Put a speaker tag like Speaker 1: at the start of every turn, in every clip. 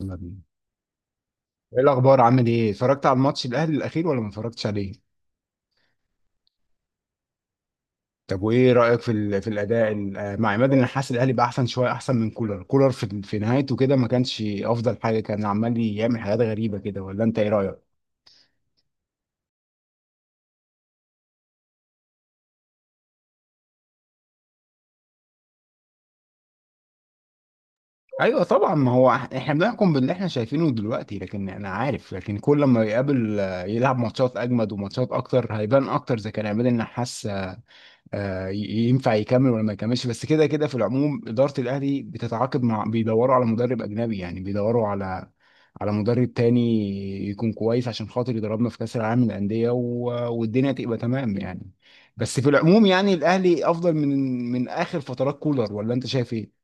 Speaker 1: يلا بينا. ايه الاخبار، عامل ايه؟ اتفرجت على الماتش الاهلي الاخير ولا ما اتفرجتش عليه؟ طب وايه رايك في ال- في الاداء مع عماد؟ انا حاسس الاهلي بقى احسن شويه، احسن من كولر. كولر في نهايته كده ما كانش افضل حاجه، كان عمال يعمل حاجات غريبه كده، ولا انت ايه رايك؟ ايوه طبعا، ما هو احنا بنحكم باللي احنا شايفينه دلوقتي، لكن انا عارف لكن كل ما يقابل، يلعب ماتشات اجمد وماتشات اكتر هيبان اكتر اذا كان عماد النحاس آه، ي- ينفع يكمل ولا ما يكملش. بس كده كده في العموم إدارة الأهلي بتتعاقد مع، بيدوروا على مدرب أجنبي، يعني بيدوروا على على مدرب تاني يكون كويس عشان خاطر يدربنا في كأس العالم للأندية والدنيا تبقى تمام يعني. بس في العموم يعني الأهلي أفضل من من آخر فترات كولر، ولا أنت شايف إيه؟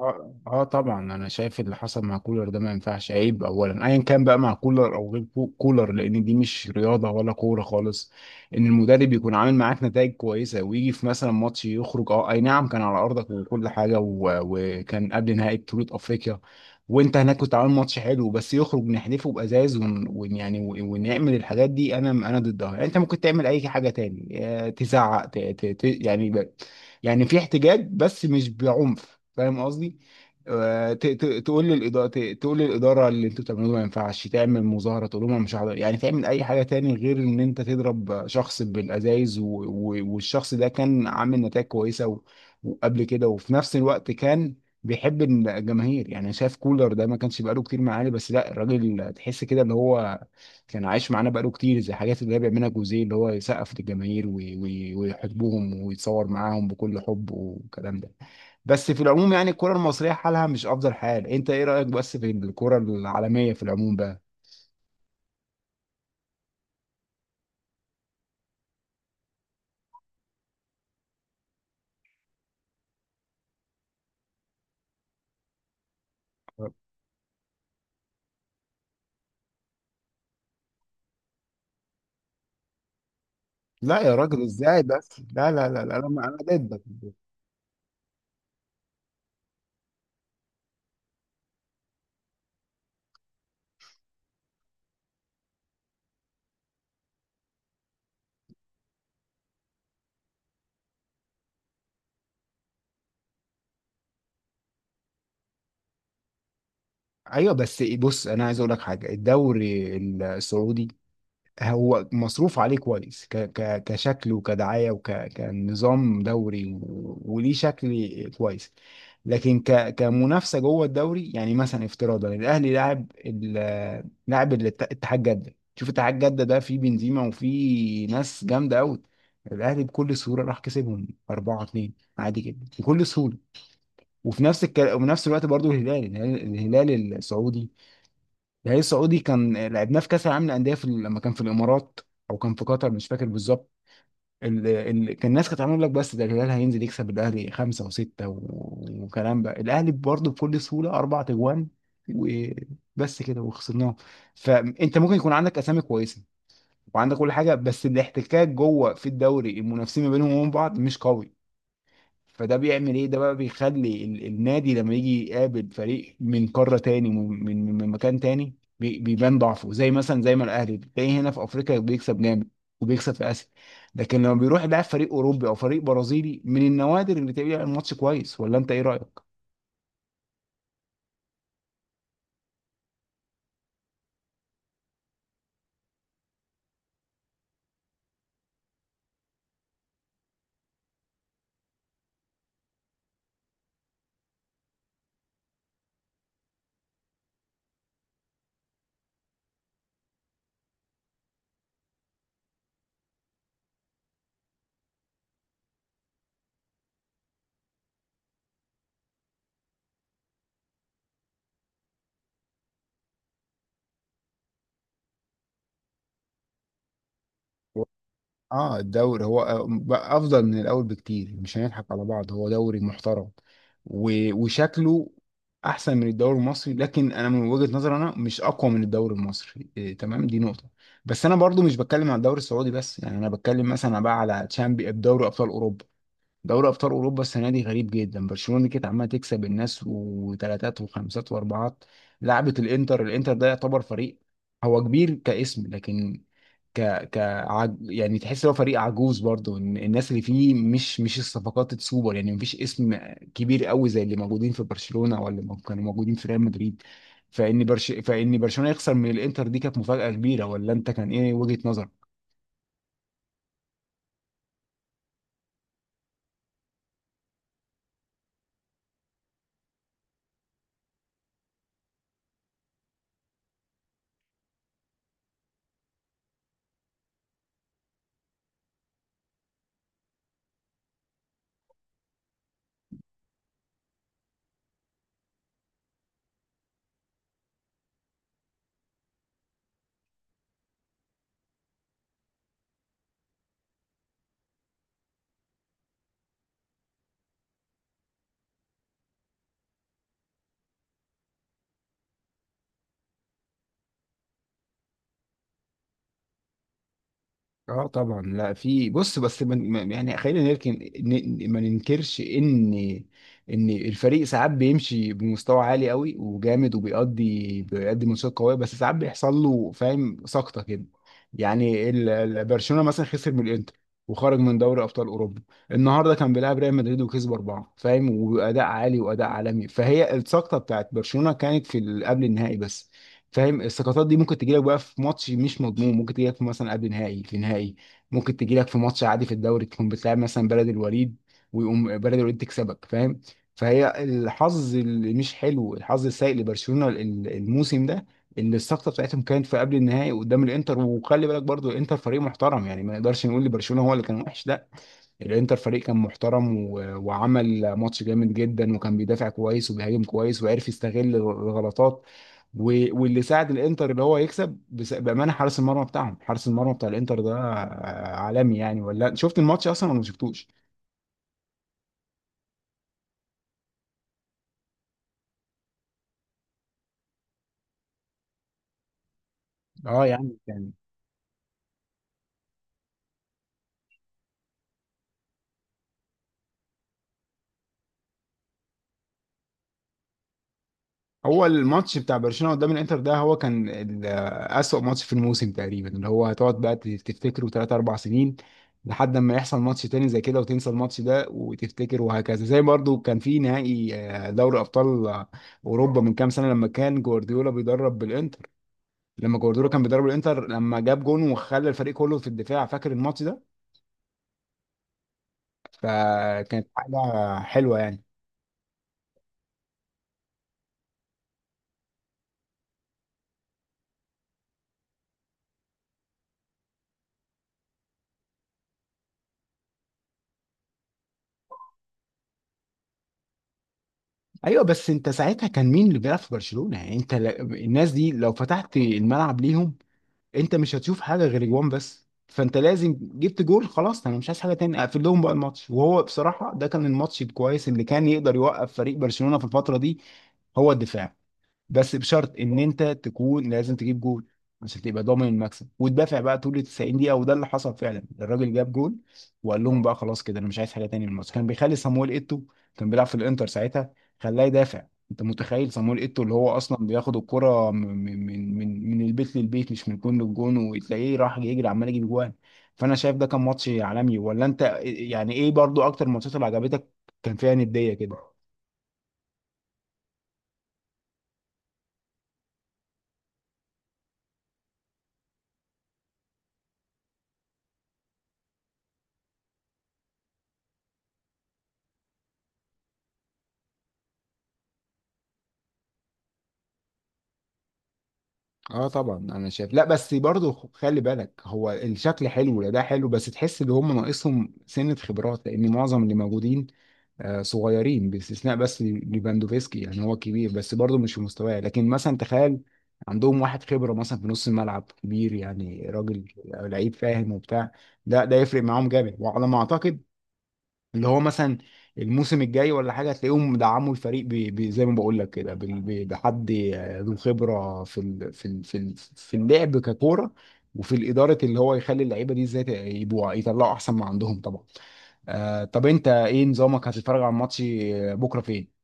Speaker 1: اه اه طبعا، انا شايف اللي حصل مع كولر ده ما ينفعش، عيب. اولا ايا كان بقى، مع كولر او غير كولر، لان دي مش رياضه ولا كوره خالص. ان المدرب يكون عامل معاك نتائج كويسه، ويجي في مثلا ماتش يخرج، اه اي نعم كان على ارضك وكل حاجه، وكان قبل نهائي بطوله افريقيا وانت هناك، كنت عامل ماتش حلو بس يخرج، نحذفه بازاز ونعمل الحاجات دي، انا ضدها. يعني انت ممكن تعمل اي حاجه تاني، تزعق، ت... ت... ت... يعني يعني في احتجاج، بس مش بعنف، فاهم قصدي؟ آه، ت- ت- تقول للإدارة تقول للإدارة اللي انتوا بتعملوه ده ما ينفعش. تعمل مظاهرة، تقول لهم انا مش هحضر، يعني تعمل أي حاجة تاني غير إن أنت تضرب شخص بالأزايز. والشخص ده كان عامل نتائج كويسة وقبل كده، وفي نفس الوقت كان بيحب الجماهير. يعني شايف كولر ده ما كانش بقاله كتير معانا، بس لا، الراجل تحس كده اللي هو كان عايش معانا بقاله كتير، زي الحاجات اللي هي بيعملها جوزيه، اللي هو يسقف للجماهير ويحبهم ويتصور معاهم بكل حب والكلام ده. بس في العموم يعني الكرة المصرية حالها مش أفضل حال. أنت إيه رأيك بس في الكرة العالمية في العموم بقى؟ لا يا راجل، ازاي بس؟ لا لا لا لا، انا ضدك. أيوه بس بص، أنا عايز أقول لك حاجة. الدوري السعودي هو مصروف عليه كويس، ك ك كشكل وكدعاية وكنظام دوري، وليه شكل كويس. لكن كمنافسة جوه الدوري، يعني مثلا افتراضا الأهلي لاعب اتحاد جدة، شوف اتحاد جدة ده فيه بنزيما وفيه ناس جامدة أوي، الأهلي بكل سهولة راح كسبهم 4-2 عادي جدا، بكل سهولة. وفي نفس الوقت برضو الهلال. الهلال السعودي، كان لعبناه في كاس العالم للانديه في لما كان في الامارات او كان في قطر، مش فاكر بالظبط. كان الناس كانت عامله لك، بس ده الهلال هينزل يكسب الاهلي خمسه وسته وكلام بقى، الاهلي برضه بكل سهوله اربع تجوان وبس كده وخسرناه. فانت ممكن يكون عندك اسامي كويسه وعندك كل حاجه، بس الاحتكاك جوه في الدوري، المنافسين ما بينهم وبين بعض مش قوي. فده بيعمل ايه ده بقى؟ بيخلي النادي لما يجي يقابل فريق من قارة تاني، من من مكان تاني، بيبان ضعفه، زي مثلا زي ما الاهلي بتلاقيه هنا في افريقيا بيكسب جامد وبيكسب في اسيا، لكن لما بيروح يلعب فريق اوروبي او فريق برازيلي، من النوادر اللي تلاقيه بيلعب ماتش كويس. ولا انت ايه رايك؟ اه الدوري هو بقى افضل من الاول بكتير، مش هنضحك على بعض هو دوري محترم، وشكله احسن من الدوري المصري. لكن انا من وجهة نظري انا مش اقوى من الدوري المصري، إيه، تمام، دي نقطة. بس انا برضو مش بتكلم على الدوري السعودي بس، يعني انا بتكلم مثلا بقى على تشامبي، دوري ابطال اوروبا. دوري ابطال اوروبا السنه دي غريب جدا. برشلونه كانت عماله تكسب الناس وثلاثات وخمسات واربعات، لعبت الانتر. الانتر ده يعتبر فريق هو كبير كاسم، لكن ك يعني تحس هو فريق عجوز برضه، إن الناس اللي فيه مش الصفقات السوبر، يعني مفيش اسم كبير قوي زي اللي موجودين في برشلونه ولا اللي كانوا موجودين في ريال مدريد. فان برشلونه يخسر من الانتر، دي كانت مفاجاه كبيره. ولا انت كان ايه وجهه نظرك؟ اه طبعا. لا في بص بس يعني خلينا نركن، ما ننكرش ان ان الفريق ساعات بيمشي بمستوى عالي قوي وجامد، وبيقضي بيقدم ماتشات قويه، بس ساعات بيحصل له، فاهم، سقطه كده. يعني برشلونه مثلا خسر من الانتر وخرج من دوري ابطال اوروبا، النهارده كان بيلعب ريال مدريد وكسب اربعه، فاهم، واداء عالي واداء عالمي. فهي السقطه بتاعت برشلونه كانت في قبل النهائي بس، فاهم. السقطات دي ممكن تجيلك بقى في ماتش مش مضمون، ممكن تجيلك في مثلا قبل نهائي، في نهائي، ممكن تجيلك في ماتش عادي في الدوري، تكون بتلعب مثلا بلد الوليد ويقوم بلد الوليد تكسبك، فاهم. فهي الحظ اللي مش حلو، الحظ السيء لبرشلونة الموسم ده، اللي السقطه بتاعتهم كانت في قبل النهائي قدام الانتر. وخلي بالك برضو الانتر فريق محترم، يعني ما نقدرش نقول لبرشلونة هو اللي كان وحش، لا. الانتر فريق كان محترم وعمل ماتش جامد جدا، وكان بيدافع كويس وبيهاجم كويس وعرف يستغل الغلطات و... واللي ساعد الانتر اللي هو يكسب بامانه، حارس المرمى بتاعهم، حارس المرمى بتاع الانتر ده عالمي يعني. ولا شفت الماتش اصلا ولا ما شفتوش؟ اه يعني. هو الماتش بتاع برشلونة قدام الانتر ده هو كان أسوأ ماتش في الموسم تقريبا، اللي هو هتقعد بقى تفتكره 3 4 سنين لحد ما يحصل ماتش تاني زي كده وتنسى الماتش ده وتفتكر، وهكذا. زي برضو كان في نهائي دوري أبطال أوروبا من كام سنة، لما كان جوارديولا بيدرب بالانتر، لما جوارديولا كان بيدرب الانتر، لما جاب جون وخلى الفريق كله في الدفاع، فاكر الماتش ده؟ فكانت حاجة حلوة يعني. ايوه بس انت ساعتها كان مين اللي بيلعب في برشلونة؟ يعني الناس دي لو فتحت الملعب ليهم انت مش هتشوف حاجه غير جوان. بس فانت لازم جبت جول، خلاص انا مش عايز حاجه تاني، اقفل لهم بقى الماتش. وهو بصراحه ده كان الماتش الكويس اللي كان يقدر يوقف فريق برشلونه في الفتره دي، هو الدفاع، بس بشرط ان انت تكون لازم تجيب جول عشان تبقى ضامن المكسب وتدافع بقى طول ال 90 دقيقه. وده اللي حصل فعلا، الراجل جاب جول وقال لهم بقى خلاص كده، انا مش عايز حاجه تاني من الماتش. كان بيخلي صامويل ايتو، كان بيلعب في الانتر ساعتها، خلاه يدافع. انت متخيل صامويل ايتو اللي هو اصلا بياخد الكره من من البيت للبيت، مش من جون للجون، وتلاقيه راح يجري عمال يجيب جوان. فانا شايف ده كان ماتش عالمي. ولا انت يعني ايه برضو اكتر الماتشات اللي عجبتك كان فيها نديه كده؟ اه طبعا انا شايف، لا بس برضه خلي بالك، هو الشكل حلو، لا ده حلو، بس تحس ان هم ناقصهم سنة خبرات، لان معظم اللي موجودين صغيرين باستثناء بس ليفاندوفسكي يعني هو كبير بس برضه مش في مستواه. لكن مثلا تخيل عندهم واحد خبرة مثلا في نص الملعب كبير، يعني راجل لعيب، فاهم، وبتاع، ده ده يفرق معاهم جامد. وعلى ما اعتقد اللي هو مثلا الموسم الجاي ولا حاجه هتلاقيهم دعموا الفريق زي ما بقول لك كده بحد ذو خبره في اللعب ككوره، وفي الاداره، اللي هو يخلي اللعيبه دي ازاي يبقوا يطلعوا احسن ما عندهم طبعا. آه طب انت ايه نظامك، هتتفرج على الماتش بكره فين؟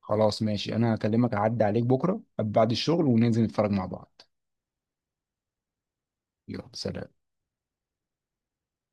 Speaker 1: خلاص ماشي، انا هكلمك اعدي عليك بكره بعد الشغل وننزل نتفرج مع بعض. يلا سلام.